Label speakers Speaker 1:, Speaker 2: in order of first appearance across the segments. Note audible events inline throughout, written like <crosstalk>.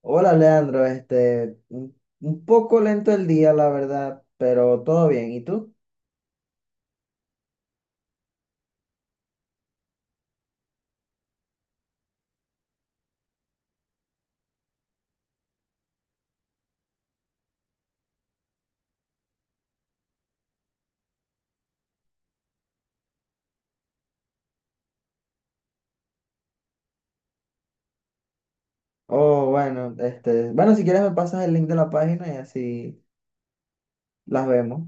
Speaker 1: Hola Leandro, un poco lento el día, la verdad, pero todo bien. ¿Y tú? Oh, bueno, bueno, si quieres me pasas el link de la página y así las vemos.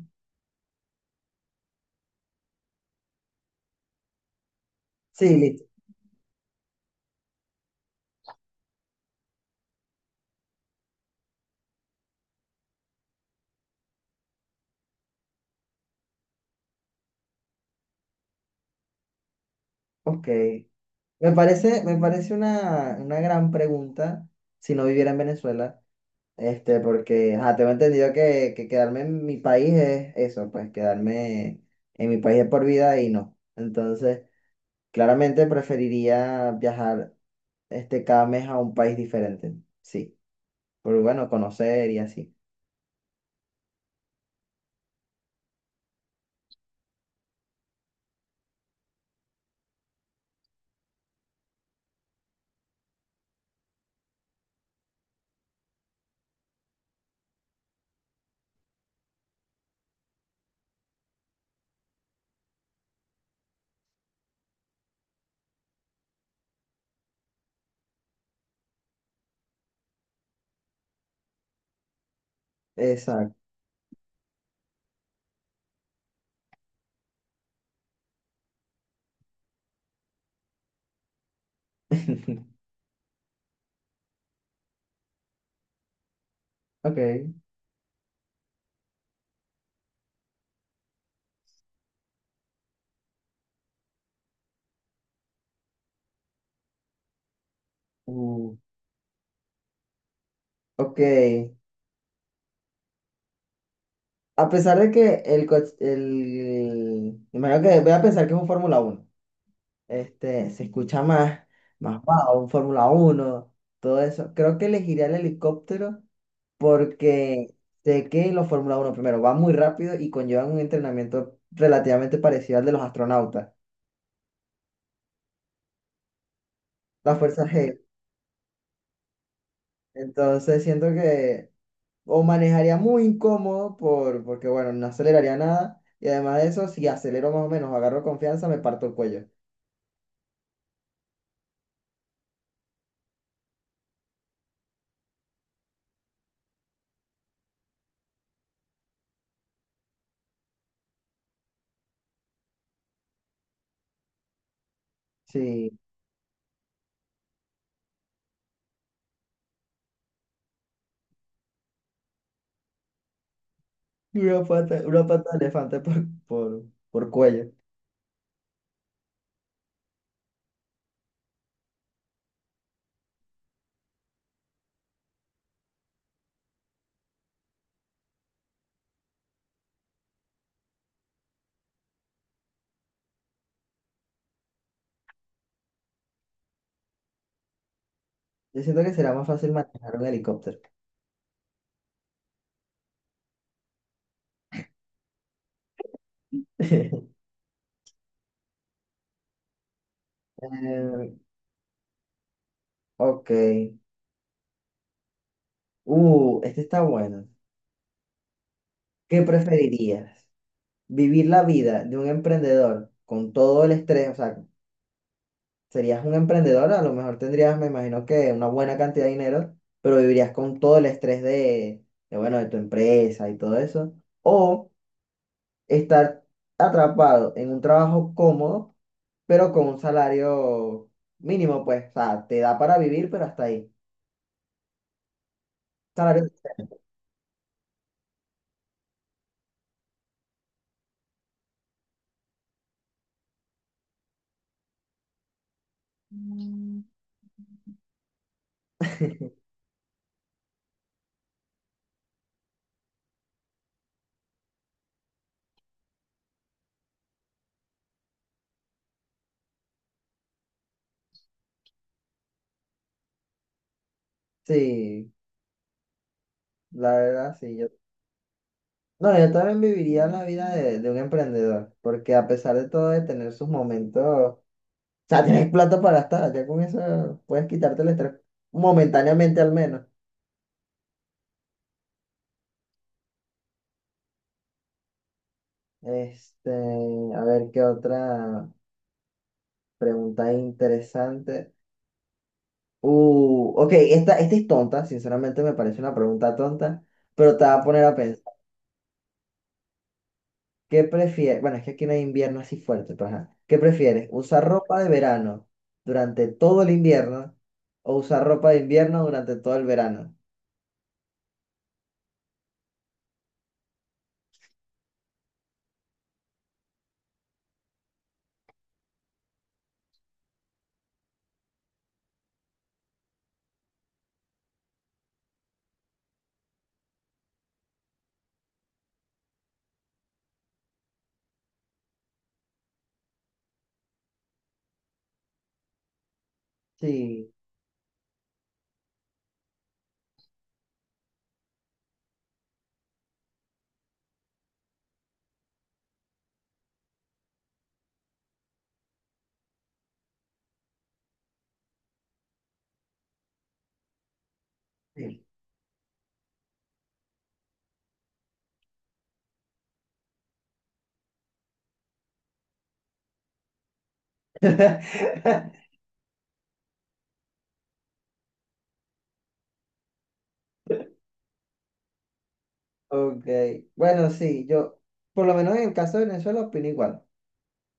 Speaker 1: Sí, listo. Ok. Me parece una gran pregunta si no viviera en Venezuela, porque, ajá, tengo entendido que quedarme en mi país es eso, pues quedarme en mi país es por vida y no. Entonces, claramente preferiría viajar cada mes a un país diferente. Sí, pero bueno, conocer y así. Exacto. <laughs> Ok. Uh, ok. A pesar de que el coche, imagino que voy a pensar que es un Fórmula 1. Se escucha más wow, un Fórmula 1 todo eso. Creo que elegiría el helicóptero porque sé que los Fórmula 1 primero, van muy rápido y conllevan un entrenamiento relativamente parecido al de los astronautas, la Fuerza G. Entonces siento que o manejaría muy incómodo porque, bueno, no aceleraría nada. Y además de eso, si acelero más o menos, agarro confianza, me parto el cuello. Sí, una pata de elefante por cuello. Yo siento que será más fácil manejar un helicóptero. <laughs> Eh, ok. Este está bueno. ¿Qué preferirías? ¿Vivir la vida de un emprendedor con todo el estrés? O sea, serías un emprendedor, a lo mejor tendrías, me imagino que una buena cantidad de dinero, pero vivirías con todo el estrés de, bueno, de tu empresa y todo eso. O estar atrapado en un trabajo cómodo, pero con un salario mínimo, pues, o sea, te da para vivir, pero hasta ahí. Salario, sí, la verdad, sí. Yo, no, yo también viviría la vida de un emprendedor, porque a pesar de todo, de tener sus momentos. Sea, tienes plata para gastar, ya con eso puedes quitarte el estrés momentáneamente al menos. Este, a ver qué otra pregunta interesante. Ok, esta es tonta, sinceramente me parece una pregunta tonta, pero te va a poner a pensar. ¿Qué prefieres? Bueno, es que aquí no hay invierno así fuerte, pero ajá. ¿Qué prefieres? ¿Usar ropa de verano durante todo el invierno o usar ropa de invierno durante todo el verano? Sí. Sí. <laughs> Ok, bueno, sí, yo, por lo menos en el caso de Venezuela, opino igual,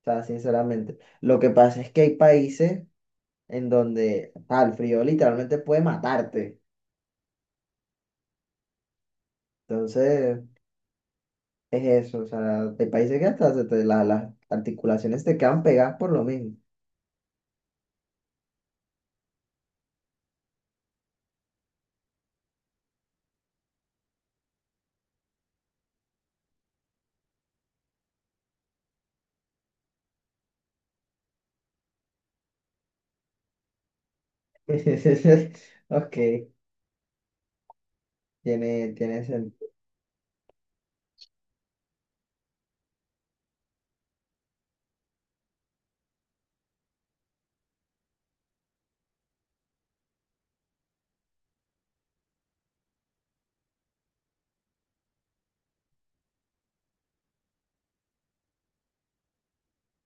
Speaker 1: o sea, sinceramente. Lo que pasa es que hay países en donde el frío literalmente puede matarte. Entonces, es eso, o sea, hay países que hasta las articulaciones te quedan pegadas por lo mismo. <laughs> Ok, tiene sentido.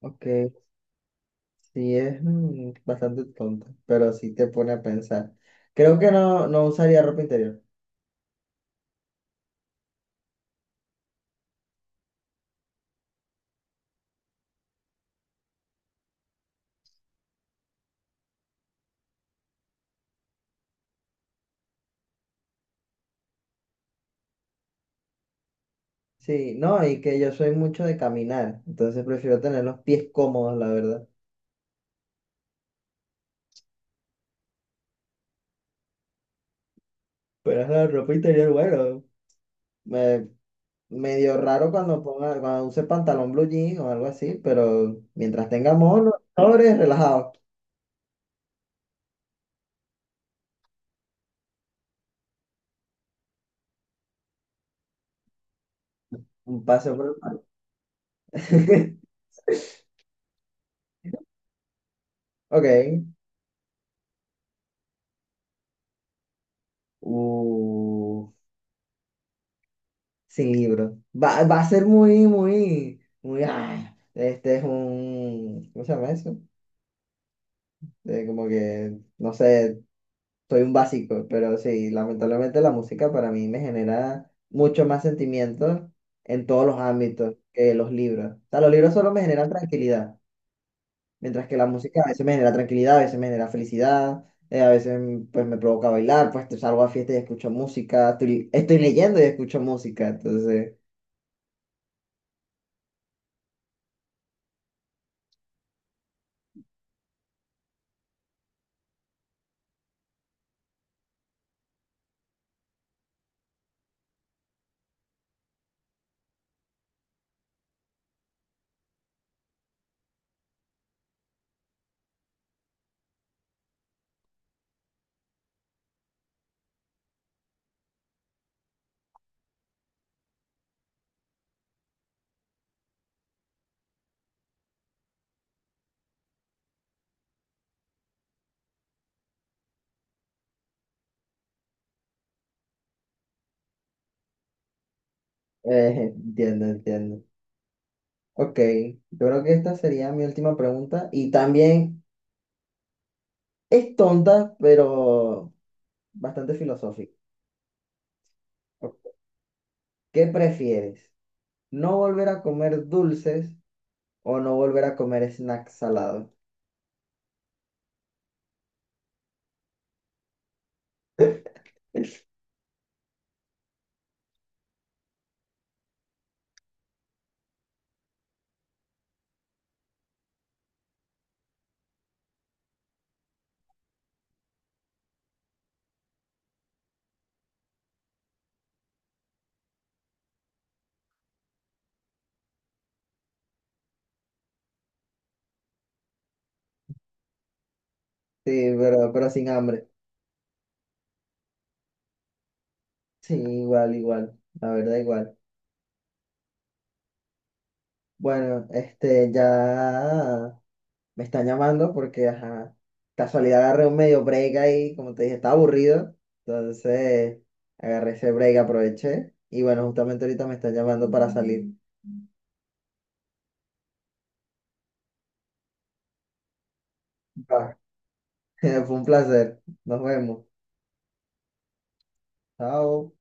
Speaker 1: Ok, sí, es bastante tonto, pero sí te pone a pensar. Creo que no, no usaría ropa interior. Sí, no, y que yo soy mucho de caminar, entonces prefiero tener los pies cómodos, la verdad. Pero es la ropa interior, bueno, me, medio raro cuando use pantalón blue jean o algo así, pero mientras tenga mono, sobres, relajado, un paseo por el parque. <laughs> Ok, uh, sin libro. Va a ser muy, muy, muy, este es un, ¿cómo se llama eso? Como que, no sé, soy un básico, pero sí, lamentablemente la música para mí me genera mucho más sentimientos en todos los ámbitos que los libros. O sea, los libros solo me generan tranquilidad, mientras que la música a veces me genera tranquilidad, a veces me genera felicidad, a veces pues me provoca bailar, pues te salgo a fiesta y escucho música, estoy leyendo y escucho música, entonces, <laughs> entiendo, entiendo. Ok, yo creo que esta sería mi última pregunta y también es tonta, pero bastante filosófica. ¿Qué prefieres? ¿No volver a comer dulces o no volver a comer snacks salados? Sí, pero sin hambre. Sí, igual, igual. La verdad, igual. Bueno, ya me están llamando porque, ajá, casualidad agarré un medio break ahí, como te dije, estaba aburrido. Entonces, agarré ese break, aproveché. Y bueno, justamente ahorita me están llamando para salir. Va. <laughs> Fue un placer. Nos vemos. Chao.